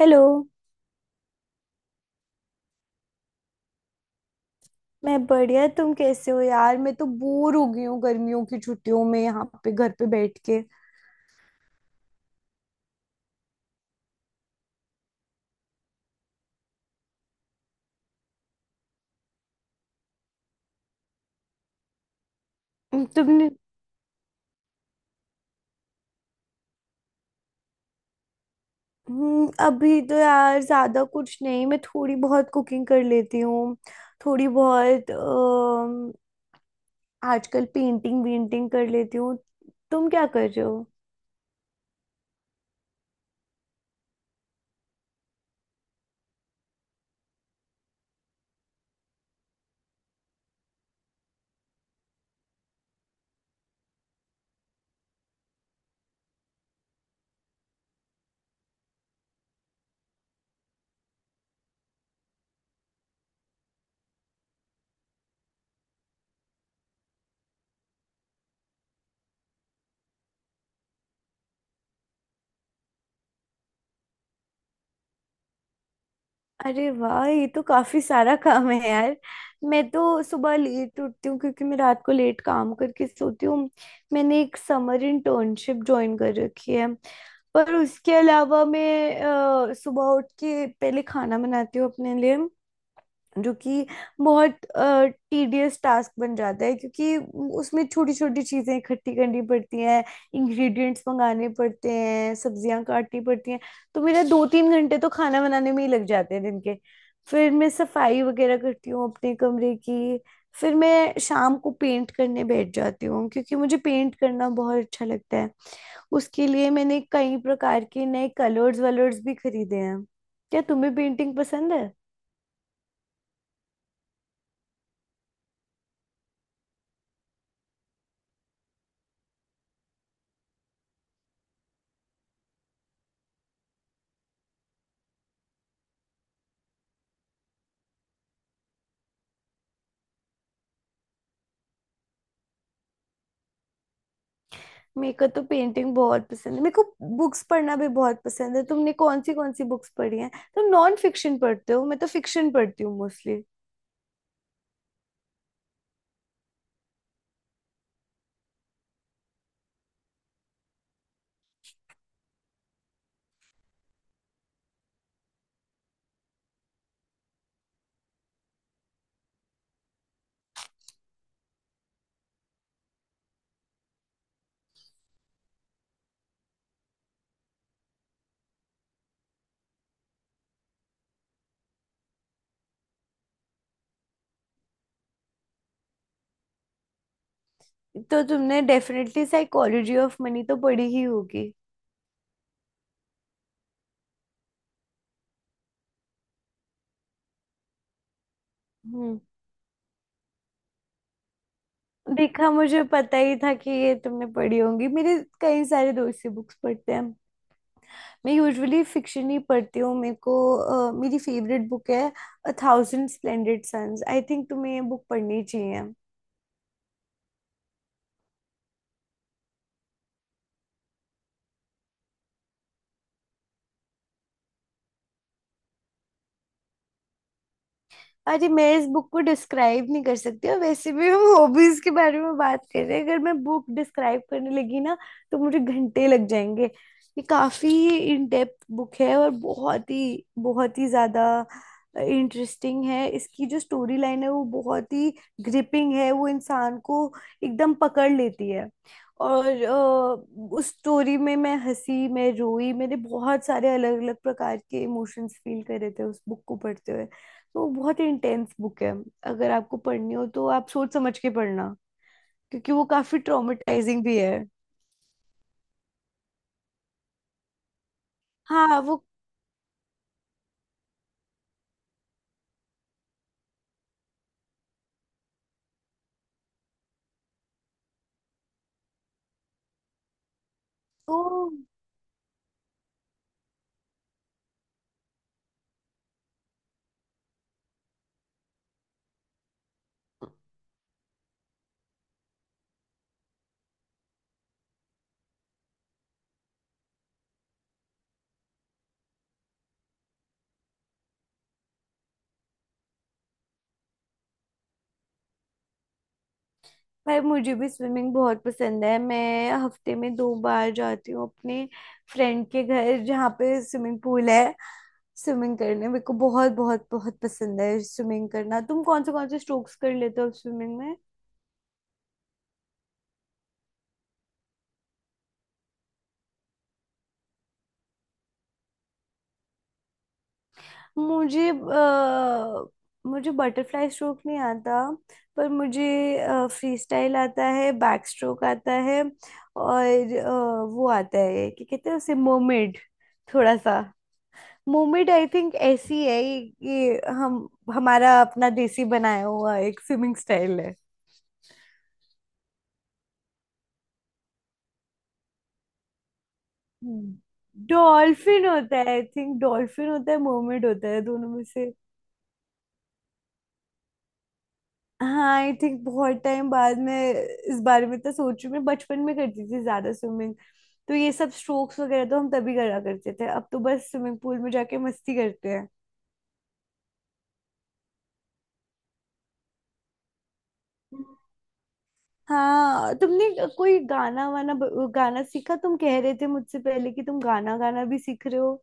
Hello. मैं बढ़िया, तुम कैसे हो यार? मैं तो बोर हो गई हूँ गर्मियों की छुट्टियों में यहाँ पे घर पे बैठ के। तुमने अभी तो यार ज्यादा कुछ नहीं, मैं थोड़ी बहुत कुकिंग कर लेती हूँ। थोड़ी बहुत आजकल पेंटिंग वेंटिंग कर लेती हूँ। तुम क्या कर रहे हो? अरे वाह, ये तो काफी सारा काम है यार। मैं तो सुबह लेट उठती हूँ क्योंकि मैं रात को लेट काम करके सोती हूँ। मैंने एक समर इंटर्नशिप ज्वाइन कर रखी है। पर उसके अलावा मैं सुबह उठ के पहले खाना बनाती हूँ अपने लिए, जो कि बहुत टीडियस टास्क बन जाता है, क्योंकि उसमें छोटी छोटी चीजें इकट्ठी करनी पड़ती हैं, इंग्रेडिएंट्स मंगाने पड़ते हैं, सब्जियां काटनी पड़ती हैं। तो मेरा दो तीन घंटे तो खाना बनाने में ही लग जाते हैं दिन के। फिर मैं सफाई वगैरह करती हूँ अपने कमरे की। फिर मैं शाम को पेंट करने बैठ जाती हूँ क्योंकि मुझे पेंट करना बहुत अच्छा लगता है। उसके लिए मैंने कई प्रकार के नए कलर्स वलर्स भी खरीदे हैं। क्या तुम्हें पेंटिंग पसंद है? मेरे को तो पेंटिंग बहुत पसंद है। मेरे को बुक्स पढ़ना भी बहुत पसंद है। तुमने कौन सी बुक्स पढ़ी हैं? तुम नॉन फिक्शन पढ़ते हो, मैं तो फिक्शन पढ़ती हूँ मोस्टली। तो तुमने डेफिनेटली साइकोलॉजी ऑफ मनी तो पढ़ी ही होगी। हम्म। देखा, मुझे पता ही था कि ये तुमने पढ़ी होंगी, मेरे कई सारे दोस्त ये बुक्स पढ़ते हैं। मैं यूजुअली फिक्शन ही पढ़ती हूँ। मेरी फेवरेट बुक है a thousand splendid suns, I think तुम्हें ये बुक पढ़नी चाहिए। अरे, मैं इस बुक को डिस्क्राइब नहीं कर सकती, और वैसे भी हम हॉबीज के बारे में बात कर रहे हैं। अगर मैं बुक डिस्क्राइब करने लगी ना तो मुझे घंटे लग जाएंगे। ये काफी इन डेप्थ बुक है और बहुत ही ज्यादा इंटरेस्टिंग है। इसकी जो स्टोरी लाइन है वो बहुत ही ग्रिपिंग है, वो इंसान को एकदम पकड़ लेती है। और उस स्टोरी में मैं हंसी, मैं रोई, मैंने बहुत सारे अलग अलग प्रकार के इमोशंस फील करे थे उस बुक को पढ़ते हुए। तो बहुत इंटेंस बुक है, अगर आपको पढ़नी हो तो आप सोच समझ के पढ़ना, क्योंकि वो काफी ट्रॉमेटाइजिंग भी है। हाँ, वो तो। भाई, मुझे भी स्विमिंग बहुत पसंद है। मैं हफ्ते में 2 बार जाती हूँ अपने फ्रेंड के घर जहाँ पे स्विमिंग पूल है। स्विमिंग करने मेरे को बहुत बहुत बहुत पसंद है। स्विमिंग करना, तुम कौन से स्ट्रोक्स कर लेते हो स्विमिंग में? मुझे अ, मुझे बटरफ्लाई स्ट्रोक नहीं आता। पर मुझे फ्री स्टाइल आता है, बैक स्ट्रोक आता है। और वो आता है, क्या कहते हैं उसे, मोमेड। थोड़ा सा मोमेड आई थिंक, ऐसी है ये हम हमारा अपना देसी बनाया हुआ एक स्विमिंग स्टाइल है। डॉल्फिन होता है आई थिंक, डॉल्फिन होता है मोमेड होता है दोनों में से। हाँ आई थिंक बहुत टाइम बाद में इस बारे में तो सोच रही हूँ। मैं बचपन में करती थी ज्यादा स्विमिंग, तो ये सब स्ट्रोक्स वगैरह तो हम तभी करा करते थे। अब तो बस स्विमिंग पूल में जाके मस्ती करते हैं। हाँ, तुमने कोई गाना वाना गाना सीखा? तुम कह रहे थे मुझसे पहले कि तुम गाना गाना भी सीख रहे हो।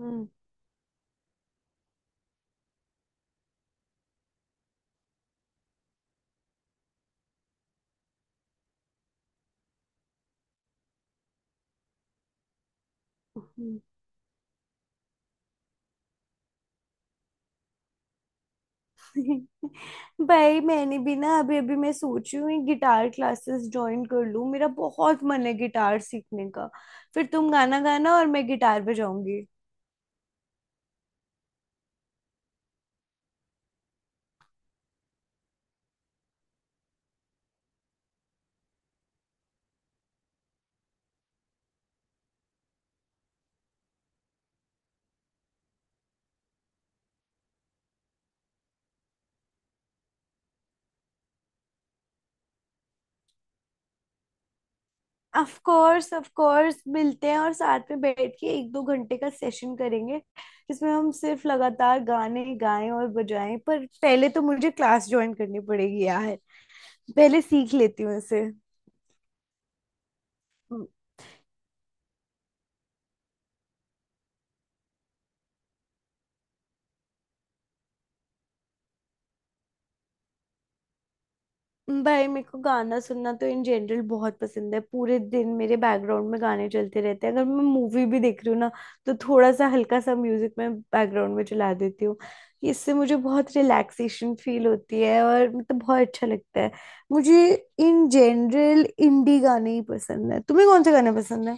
हम्म। हम्म। भाई, मैंने भी ना अभी अभी मैं सोच रही हूँ ये गिटार क्लासेस ज्वाइन कर लूँ, मेरा बहुत मन है गिटार सीखने का। फिर तुम गाना गाना और मैं गिटार बजाऊंगी। ऑफ कोर्स, ऑफ कोर्स मिलते हैं और साथ में बैठ के एक दो घंटे का सेशन करेंगे जिसमें हम सिर्फ लगातार गाने गाएं और बजाएं। पर पहले तो मुझे क्लास ज्वाइन करनी पड़ेगी यार, पहले सीख लेती हूँ इसे। भाई मेरे को गाना सुनना तो इन जनरल बहुत पसंद है। पूरे दिन मेरे बैकग्राउंड में गाने चलते रहते हैं। अगर मैं मूवी भी देख रही हूँ ना तो थोड़ा सा हल्का सा म्यूजिक मैं बैकग्राउंड में चला देती हूँ। इससे मुझे बहुत रिलैक्सेशन फील होती है और मतलब बहुत अच्छा लगता है। मुझे इन जनरल इंडी गाने ही पसंद है, तुम्हें कौन से गाने पसंद है?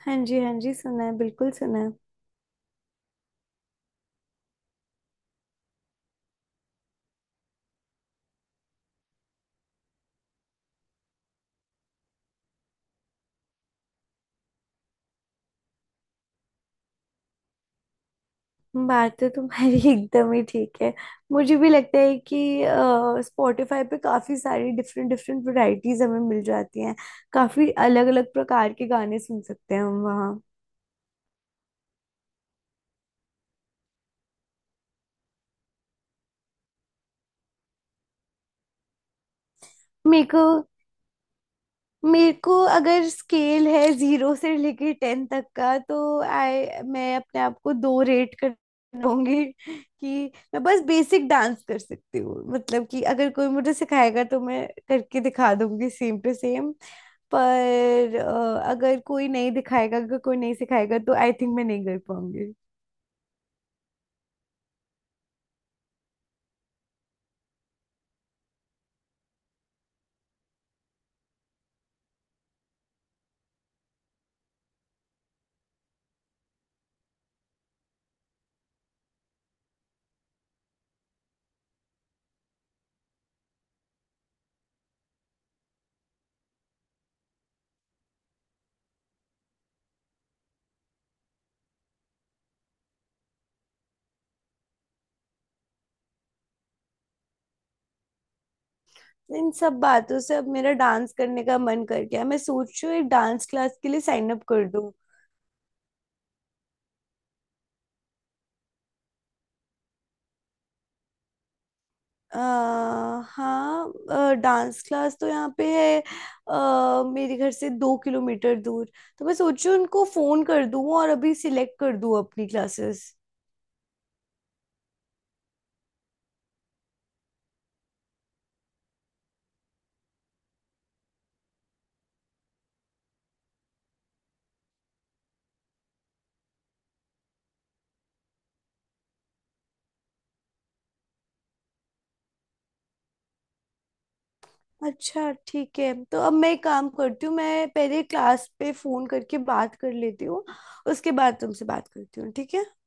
हाँ जी, हाँ जी, सुना है, बिल्कुल सुना है। बात तो तुम्हारी एकदम ही ठीक है। मुझे भी लगता है कि स्पॉटिफाई पे काफी सारी डिफरेंट डिफरेंट वैरायटीज हमें मिल जाती हैं। काफी अलग अलग प्रकार के गाने सुन सकते हैं हम वहाँ। मेरे को मेरे को अगर स्केल है 0 से लेके 10 तक का, तो आई मैं अपने आप को दो रेट कर दूंगी कि मैं बस बेसिक डांस कर सकती हूँ। मतलब कि अगर कोई मुझे सिखाएगा तो मैं करके दिखा दूंगी सेम टू सेम। पर अगर कोई नहीं दिखाएगा, अगर कोई नहीं सिखाएगा तो आई थिंक मैं नहीं कर पाऊंगी। इन सब बातों से अब मेरा डांस करने का मन कर गया, मैं सोच रही हूँ एक डांस क्लास के लिए साइन अप कर। अ, हाँ, डांस क्लास तो यहाँ पे है, मेरे घर से 2 किलोमीटर दूर। तो मैं सोच रही हूँ उनको फोन कर दूँ और अभी सिलेक्ट कर दूँ अपनी क्लासेस। अच्छा ठीक है, तो अब मैं एक काम करती हूँ, मैं पहले क्लास पे फोन करके बात कर लेती हूँ। उसके बाद तुमसे बात करती हूँ, ठीक है?